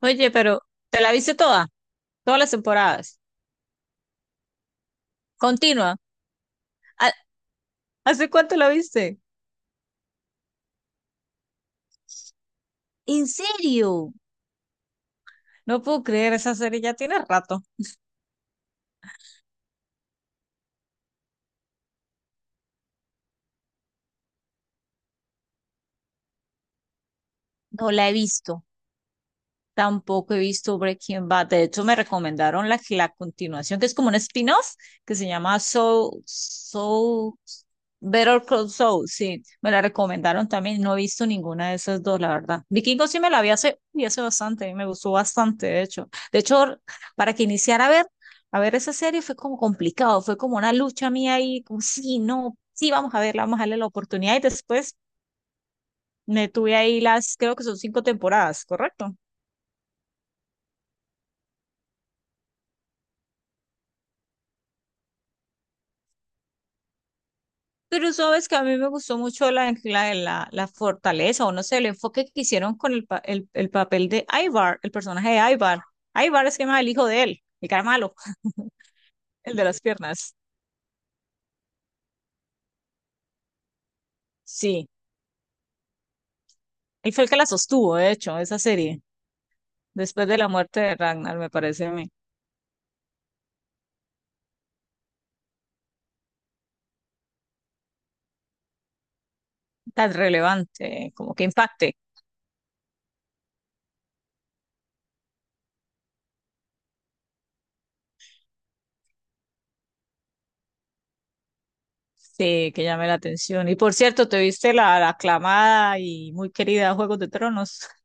Oye, pero te la viste toda, todas las temporadas. Continua. ¿Ha- ¿Hace cuánto la viste? ¿En serio? No puedo creer, esa serie ya tiene rato. No la he visto. Tampoco he visto Breaking Bad. De hecho, me recomendaron la continuación, que es como un spin-off, que se llama Better Call Saul. Sí, me la recomendaron también. No he visto ninguna de esas dos, la verdad. Vikingo sí me la vi y hace bastante, me gustó bastante, de hecho. De hecho, para que iniciara a ver esa serie fue como complicado, fue como una lucha mía ahí, como sí, no, sí, vamos a verla, vamos a darle la oportunidad. Y después me tuve ahí las, creo que son cinco temporadas, ¿correcto? Pero sabes que a mí me gustó mucho la fortaleza, o no sé, el enfoque que hicieron con el papel de Ivar, el personaje de Ivar. Ivar es que más el hijo de él, el cara malo, el de las piernas. Sí, él fue el que la sostuvo, de hecho, esa serie, después de la muerte de Ragnar, me parece a mí tan relevante, como que impacte, sí, que llame la atención. Y por cierto, ¿te viste la aclamada y muy querida Juegos de Tronos?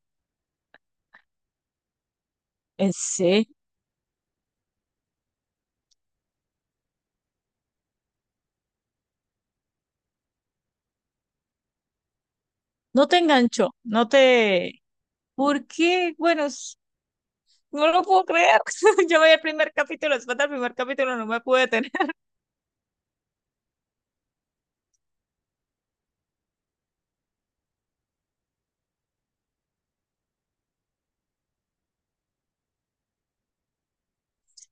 En sí, no te enganchó, no te... ¿Por qué? Bueno, no lo puedo creer. Yo veía el primer capítulo, después del primer capítulo no me pude detener.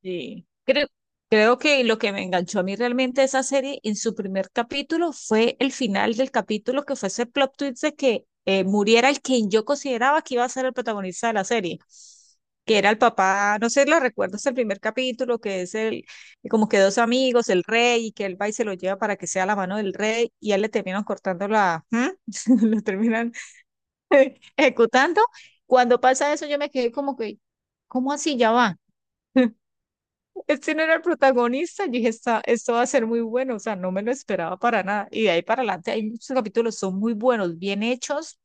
Sí. Creo que lo que me enganchó a mí realmente esa serie en su primer capítulo fue el final del capítulo, que fue ese plot twist de que muriera el quien yo consideraba que iba a ser el protagonista de la serie, que era el papá, no sé, ¿lo recuerdas el primer capítulo? Que es el, como que dos amigos, el rey, y que él va y se lo lleva para que sea la mano del rey, y a él le terminan cortando la, ¿Mm? lo terminan ejecutando. Cuando pasa eso, yo me quedé como que, ¿cómo así ya va? Este no era el protagonista. Yo dije, esto va a ser muy bueno". O sea, no me lo esperaba para nada. Y de ahí para adelante hay muchos capítulos, son muy buenos, bien hechos,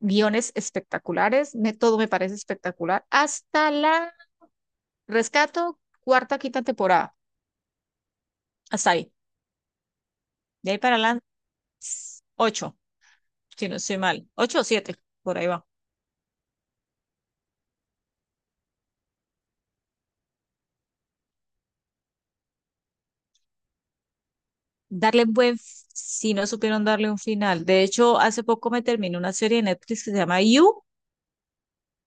guiones espectaculares, me, todo me parece espectacular. Hasta la rescato, cuarta, quinta temporada. Hasta ahí. De ahí para adelante, ocho, si no estoy mal. Ocho o siete, por ahí va. Darle un buen, si no supieron darle un final. De hecho, hace poco me terminó una serie de Netflix que se llama You,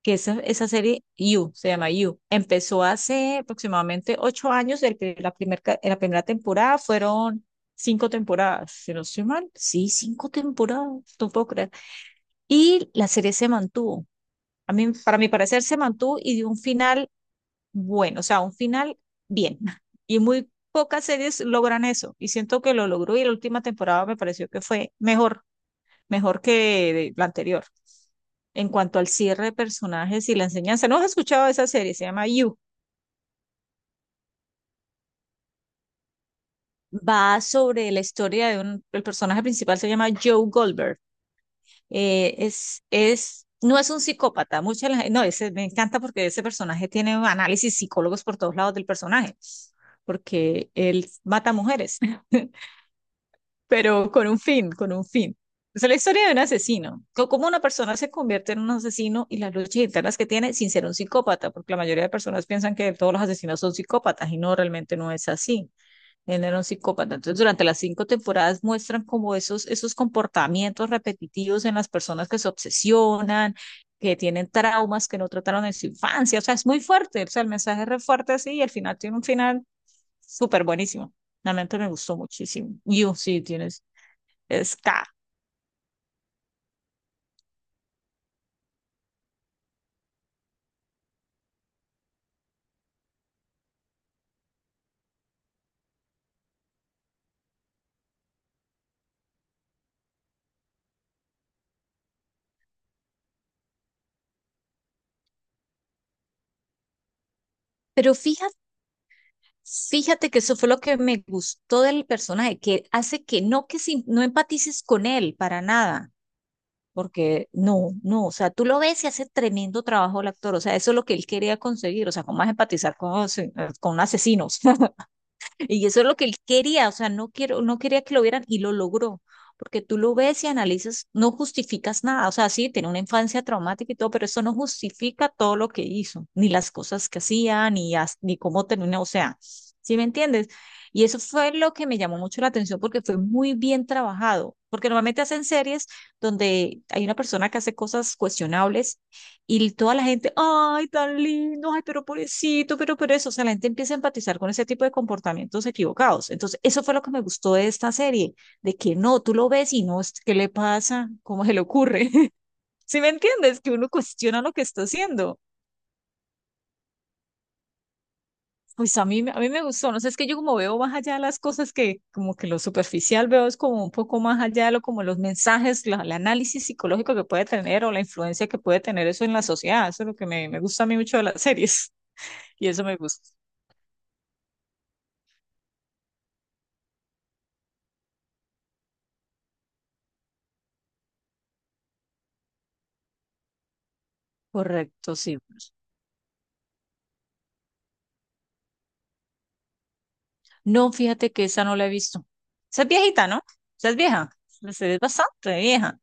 que esa serie You, se llama You. Empezó hace aproximadamente 8 años, el pri- la, primer, ca- la primera temporada fueron cinco temporadas, si no estoy mal. Sí, cinco temporadas, no puedo creer. Y la serie se mantuvo. A mí, para mi parecer, se mantuvo y dio un final bueno, o sea, un final bien. Y muy pocas series logran eso. Y siento que lo logró y la última temporada me pareció que fue mejor, mejor que la anterior. En cuanto al cierre de personajes y la enseñanza, ¿no has escuchado esa serie? Se llama You. Va sobre la historia de un, el personaje principal se llama Joe Goldberg. No es un psicópata, mucha no, ese, me encanta porque ese personaje tiene análisis psicólogos por todos lados del personaje, porque él mata mujeres. Pero con un fin, con un fin. O sea, la historia de un asesino, cómo una persona se convierte en un asesino y las luchas internas que tiene sin ser un psicópata, porque la mayoría de personas piensan que todos los asesinos son psicópatas y no, realmente no es así. Él era un psicópata. Entonces, durante las cinco temporadas muestran como esos, esos comportamientos repetitivos en las personas que se obsesionan, que tienen traumas que no trataron en su infancia. O sea, es muy fuerte. O sea, el mensaje es re fuerte así y al final tiene un final súper buenísimo. Realmente me gustó muchísimo. Y oh, sí, tiene. Está. Pero fíjate, fíjate que eso fue lo que me gustó del personaje, que hace que no que no empatices con él para nada, porque no, no, o sea, tú lo ves y hace tremendo trabajo el actor, o sea, eso es lo que él quería conseguir, o sea, cómo más empatizar con asesinos. Y eso es lo que él quería, o sea, no quería que lo vieran y lo logró, porque tú lo ves y analizas, no justificas nada, o sea, sí, tiene una infancia traumática y todo, pero eso no justifica todo lo que hizo, ni las cosas que hacía, ni, ni cómo terminó, o sea, ¿sí me entiendes? Y eso fue lo que me llamó mucho la atención porque fue muy bien trabajado, porque normalmente hacen series donde hay una persona que hace cosas cuestionables y toda la gente, ay, tan lindo, ay, pero pobrecito, pero eso. O sea, la gente empieza a empatizar con ese tipo de comportamientos equivocados. Entonces, eso fue lo que me gustó de esta serie, de que no, tú lo ves y no, ¿qué le pasa? ¿Cómo se le ocurre? ¿Sí me entiendes? Que uno cuestiona lo que está haciendo. Pues a mí me gustó, no sé, es que yo como veo más allá de las cosas que como que lo superficial veo es como un poco más allá de lo como los mensajes, la, el análisis psicológico que puede tener o la influencia que puede tener eso en la sociedad, eso es lo que me gusta a mí mucho de las series. Y eso me gusta. Correcto, sí. No, fíjate que esa no la he visto. Esa es viejita, ¿no? Esa es vieja. Esa es bastante vieja.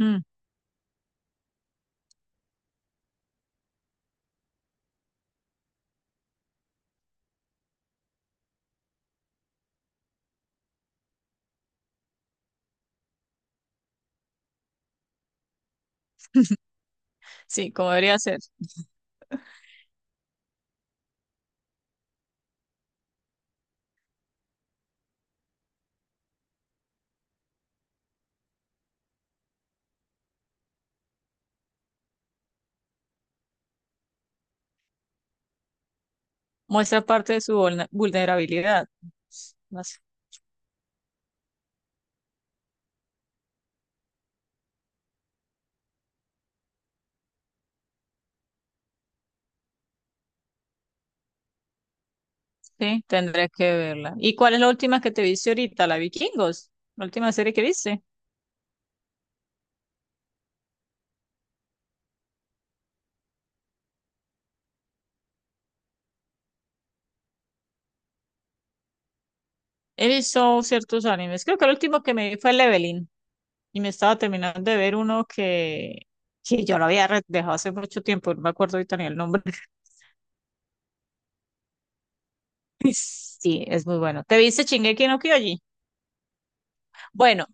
Mm, sí, como debería ser. Muestra parte de su vulnerabilidad. Más. Sí, tendré que verla. ¿Y cuál es la última que te viste ahorita? La Vikingos. La última serie que viste. He visto ciertos animes. Creo que el último que me vi fue Leveling. Y me estaba terminando de ver uno que yo lo había dejado hace mucho tiempo. No me acuerdo ahorita ni el nombre. Sí, es muy bueno. ¿Te viste Shingeki no Kyojin? Bueno,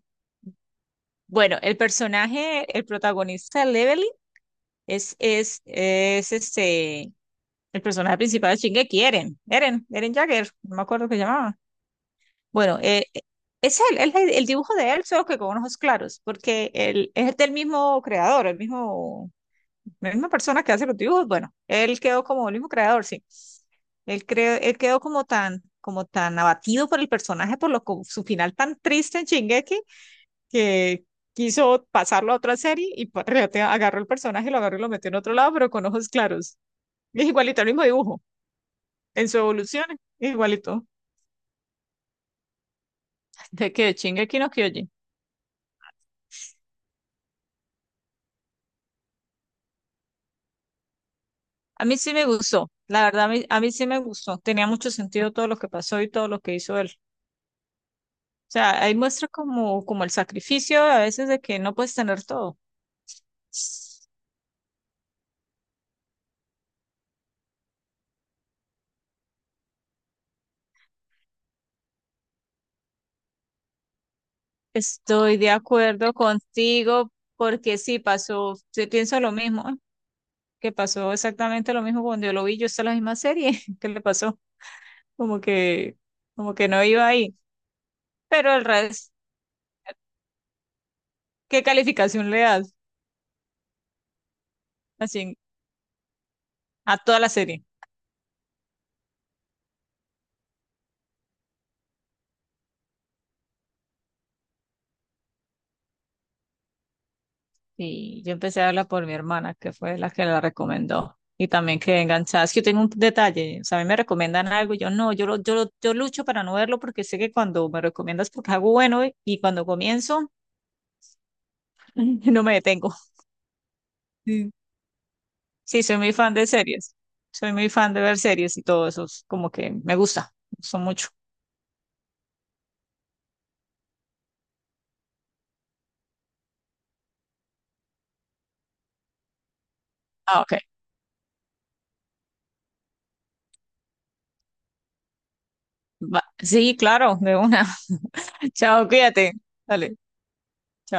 bueno, el personaje, el protagonista de Leveling es este, el personaje principal de Shingeki, Eren Jagger, no me acuerdo qué llamaba. Bueno, es él, es el, dibujo de él, solo que con ojos claros, porque él es del mismo creador, el mismo. La misma persona que hace los dibujos, bueno, él quedó como el mismo creador, sí. Él, él quedó como tan abatido por el personaje, por lo, su final tan triste en Shingeki, que quiso pasarlo a otra serie y agarró el personaje, lo agarró y lo metió en otro lado, pero con ojos claros. Es igualito, el mismo dibujo, en su evolución, igualito. De qué Shingeki no Kyojin. A mí sí me gustó, la verdad, a mí sí me gustó. Tenía mucho sentido todo lo que pasó y todo lo que hizo él. O sea, ahí muestra como, como el sacrificio a veces de que no puedes tener todo. Estoy de acuerdo contigo porque sí pasó, sí pienso lo mismo, ¿eh? Que pasó exactamente lo mismo cuando yo lo vi, yo está la misma serie, ¿qué le pasó? Como que, como que no iba ahí. Pero el resto, ¿qué calificación le das así a toda la serie? Y yo empecé a verla por mi hermana, que fue la que la recomendó. Y también que enganchada. Es que yo tengo un detalle. O sea, a mí me recomiendan algo y yo no, yo, yo lucho para no verlo porque sé que cuando me recomiendas porque algo bueno y cuando comienzo, no me detengo. Sí, sí, soy muy fan de series. Soy muy fan de ver series y todo eso. Es como que me gusta. Me gusta mucho. Ah, ok. Va. Sí, claro, de una. Chao, cuídate. Dale.